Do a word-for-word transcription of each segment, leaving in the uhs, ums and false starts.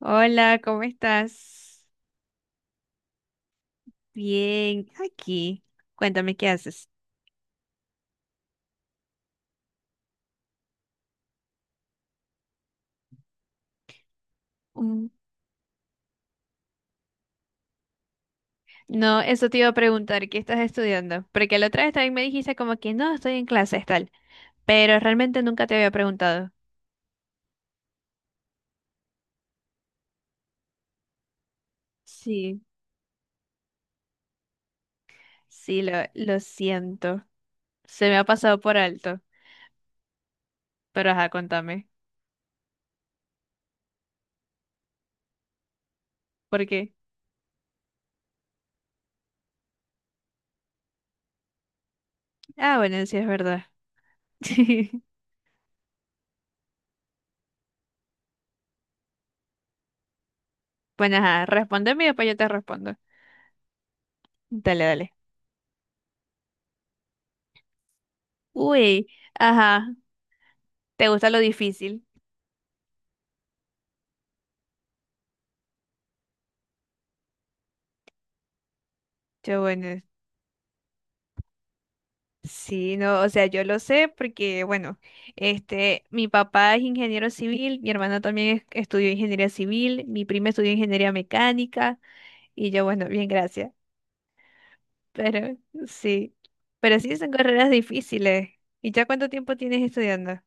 Hola, ¿cómo estás? Bien, aquí. Cuéntame qué haces. Mm. No, eso te iba a preguntar, ¿qué estás estudiando? Porque la otra vez también me dijiste como que no, estoy en clases, tal, pero realmente nunca te había preguntado. Sí, sí, lo, lo siento, se me ha pasado por alto, pero ajá, contame, ¿por qué? Ah, bueno, sí es verdad. Bueno, ajá, respóndeme y después yo te respondo. Dale, dale. Uy, ajá, ¿te gusta lo difícil? Yo, bueno. Sí, no, o sea, yo lo sé porque, bueno, este, mi papá es ingeniero civil, mi hermana también es- estudió ingeniería civil, mi prima estudió ingeniería mecánica y yo, bueno, bien, gracias. Pero sí, pero sí son carreras difíciles. ¿Y ya cuánto tiempo tienes estudiando?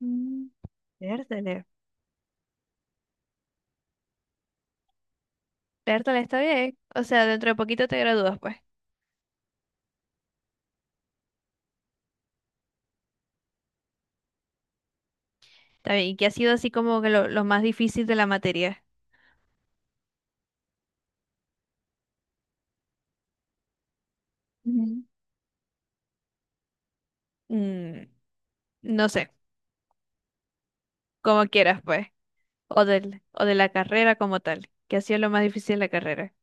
Mm. Pértale, pértale, está bien. O sea, dentro de poquito te gradúas, pues. Está bien. ¿Y qué ha sido así como que lo, lo más difícil de la materia? Ujú. Mm, no sé, como quieras, pues. o del, o de la carrera como tal, que hacía lo más difícil la carrera.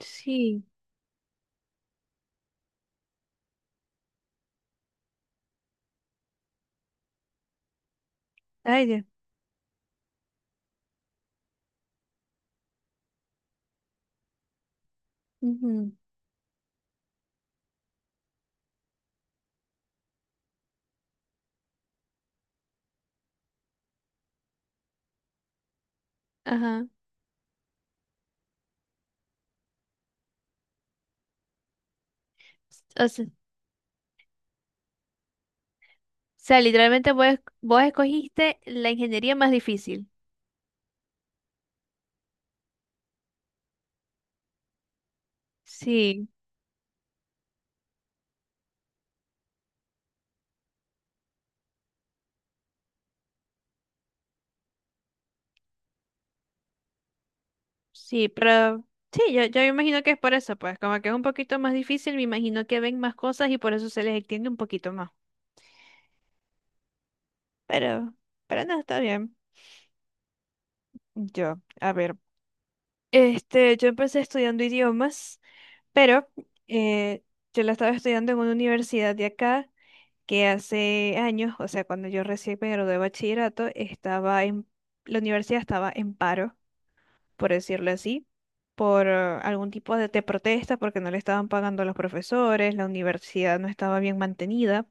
Sí, ay Dios. Ujú. Ajá. O sea, o sea, literalmente vos, esc- vos escogiste la ingeniería más difícil. Sí, sí, pero sí, yo, yo imagino que es por eso, pues, como que es un poquito más difícil, me imagino que ven más cosas y por eso se les extiende un poquito más. Pero, pero no, está bien. Yo, a ver. Este, yo empecé estudiando idiomas, pero eh, yo la estaba estudiando en una universidad de acá que hace años, o sea, cuando yo recién me gradué de bachillerato, estaba en, la universidad estaba en paro, por decirlo así, por eh, algún tipo de, de protesta, porque no le estaban pagando a los profesores, la universidad no estaba bien mantenida,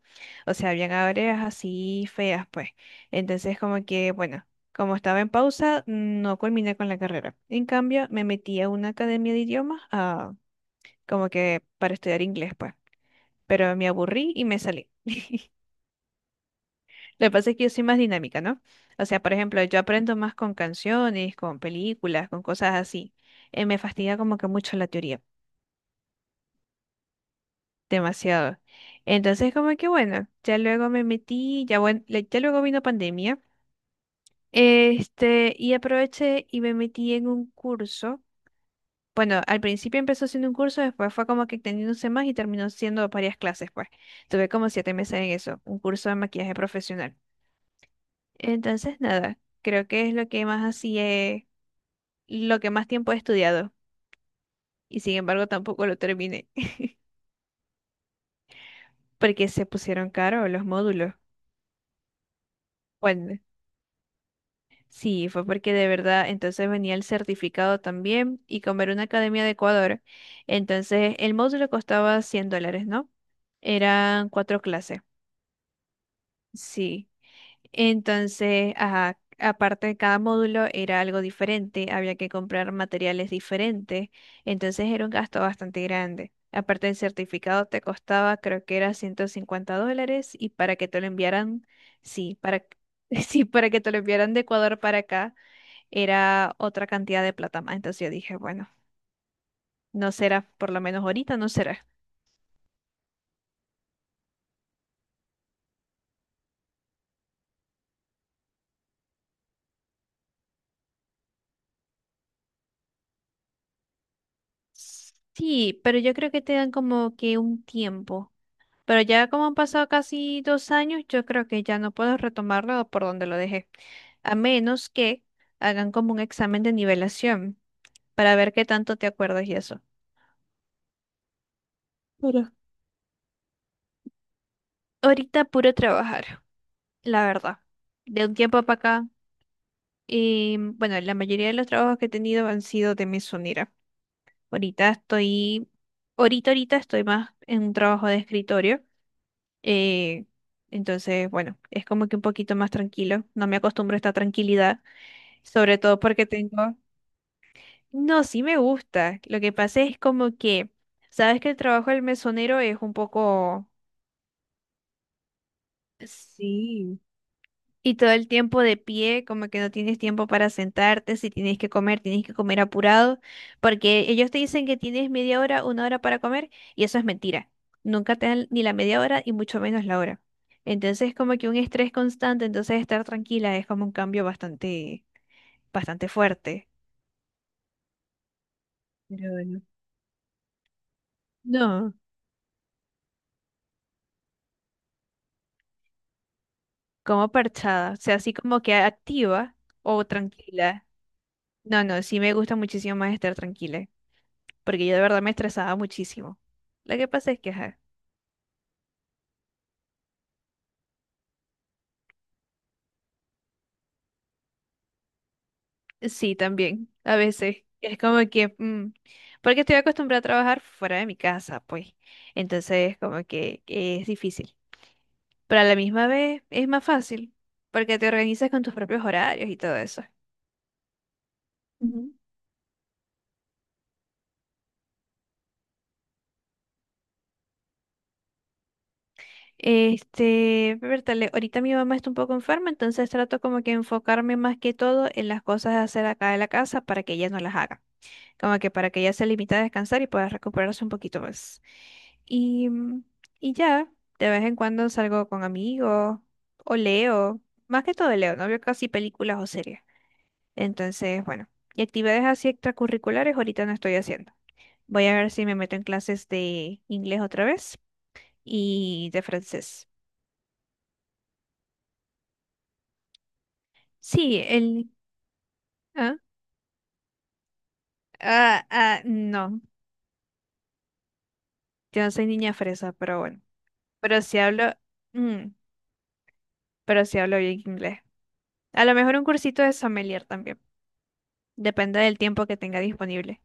o sea, habían áreas así feas, pues. Entonces, como que, bueno. Como estaba en pausa, no culminé con la carrera. En cambio, me metí a una academia de idiomas, ah, como que para estudiar inglés, pues. Pero me aburrí y me salí. Lo que pasa es que yo soy más dinámica, ¿no? O sea, por ejemplo, yo aprendo más con canciones, con películas, con cosas así. Eh, me fastidia como que mucho la teoría, demasiado. Entonces, como que bueno, ya luego me metí, ya, buen- le- ya luego vino pandemia, este, y aproveché y me metí en un curso. Bueno, al principio empezó siendo un curso, después fue como que extendiéndose más y terminó siendo varias clases, pues. Tuve como siete meses en eso, un curso de maquillaje profesional. Entonces, nada, creo que es lo que más así lo que más tiempo he estudiado y sin embargo tampoco lo terminé porque se pusieron caros los módulos. Bueno, sí, fue porque de verdad entonces venía el certificado también y como era una academia de Ecuador, entonces el módulo costaba cien dólares, ¿no? Eran cuatro clases, sí. Entonces, ajá, aparte de cada módulo era algo diferente, había que comprar materiales diferentes, entonces era un gasto bastante grande. Aparte del certificado te costaba, creo que era ciento cincuenta dólares y para que te lo enviaran, sí, para, que- sí, para que te lo enviaran de Ecuador para acá era otra cantidad de plata más. Entonces yo dije, bueno, no será, por lo menos ahorita no será. Sí, pero yo creo que te dan como que un tiempo. Pero ya como han pasado casi dos años, yo creo que ya no puedo retomarlo por donde lo dejé, a menos que hagan como un examen de nivelación para ver qué tanto te acuerdas y eso. Pero, ahorita puro trabajar, la verdad. De un tiempo para acá, y bueno, la mayoría de los trabajos que he tenido han sido de mesonera. Ahorita estoy, ahorita, ahorita estoy más en un trabajo de escritorio. eh, entonces, bueno, es como que un poquito más tranquilo. No me acostumbro a esta tranquilidad. Sobre todo porque tengo... No, sí me gusta. Lo que pasa es como que, sabes que el trabajo del mesonero es un poco... Sí. Y todo el tiempo de pie, como que no tienes tiempo para sentarte, si tienes que comer, tienes que comer apurado, porque ellos te dicen que tienes media hora, una hora para comer, y eso es mentira. Nunca te dan ni la media hora y mucho menos la hora. Entonces, como que un estrés constante, entonces estar tranquila es como un cambio bastante, bastante fuerte. Pero bueno. No. Como parchada, o sea, así como que activa o tranquila. No, no, sí me gusta muchísimo más estar tranquila, porque yo de verdad me estresaba muchísimo. Lo que pasa es que, ajá, sí, también, a veces. Es como que, mm, porque estoy acostumbrada a trabajar fuera de mi casa, pues. Entonces, como que es difícil. Pero a la misma vez es más fácil, porque te organizas con tus propios horarios y todo eso. Este, Bertale, ahorita mi mamá está un poco enferma, entonces trato como que enfocarme más que todo en las cosas de hacer acá de la casa para que ella no las haga. Como que para que ella se limite a descansar y pueda recuperarse un poquito más. Y, mm, y ya, de vez en cuando salgo con amigos o leo, más que todo leo, no veo casi películas o series. Entonces, bueno, y actividades así extracurriculares ahorita no estoy haciendo. Voy a ver si me meto en clases de inglés otra vez y de francés. Sí, el Ah, ah, ah, no, yo no soy niña fresa, pero bueno. Pero sí hablo, mm, pero sí hablo bien inglés. A lo mejor un cursito de sommelier también. Depende del tiempo que tenga disponible.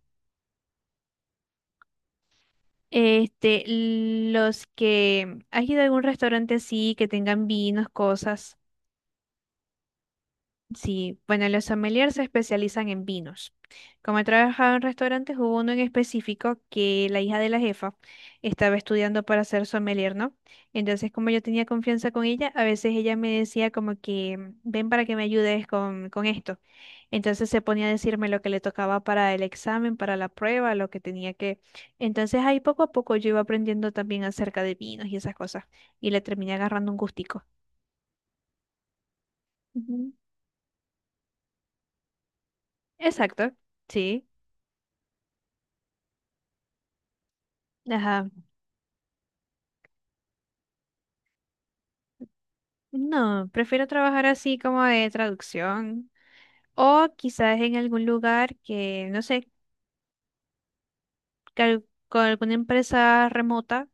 Este, los que, ¿has ido a algún restaurante así que tengan vinos, cosas? Sí, bueno, los sommeliers se especializan en vinos. Como he trabajado en restaurantes, hubo uno en específico que la hija de la jefa estaba estudiando para ser sommelier, ¿no? Entonces, como yo tenía confianza con ella, a veces ella me decía como que, "Mm, ven para que me ayudes con, con esto. Entonces se ponía a decirme lo que le tocaba para el examen, para la prueba, lo que tenía que... Entonces ahí poco a poco yo iba aprendiendo también acerca de vinos y esas cosas, y le terminé agarrando un gustico. Ujú. Exacto, sí. Ajá. No, prefiero trabajar así como de traducción o quizás en algún lugar que, no sé, que al- con alguna empresa remota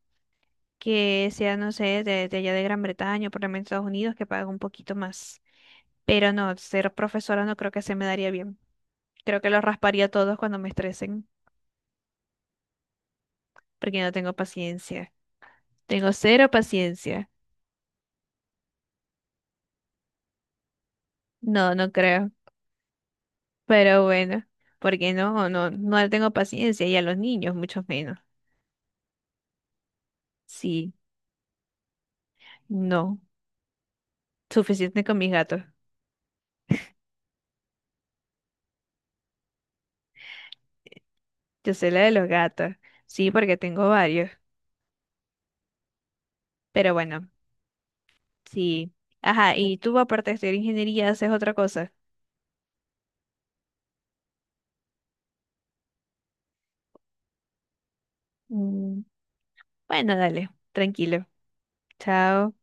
que sea, no sé, de, de allá de Gran Bretaña o por lo menos Estados Unidos que pague un poquito más. Pero no, ser profesora no creo que se me daría bien. Creo que los rasparía a todos cuando me estresen porque no tengo paciencia. Tengo cero paciencia. No, no creo. Pero bueno, porque no, no, no tengo paciencia y a los niños mucho menos. Sí, no. Suficiente con mis gatos. Yo sé la de los gatos. Sí, porque tengo varios. Pero bueno, sí. Ajá, y tú aparte de estudiar ingeniería haces otra cosa. Mm, Bueno, dale, tranquilo. Chao.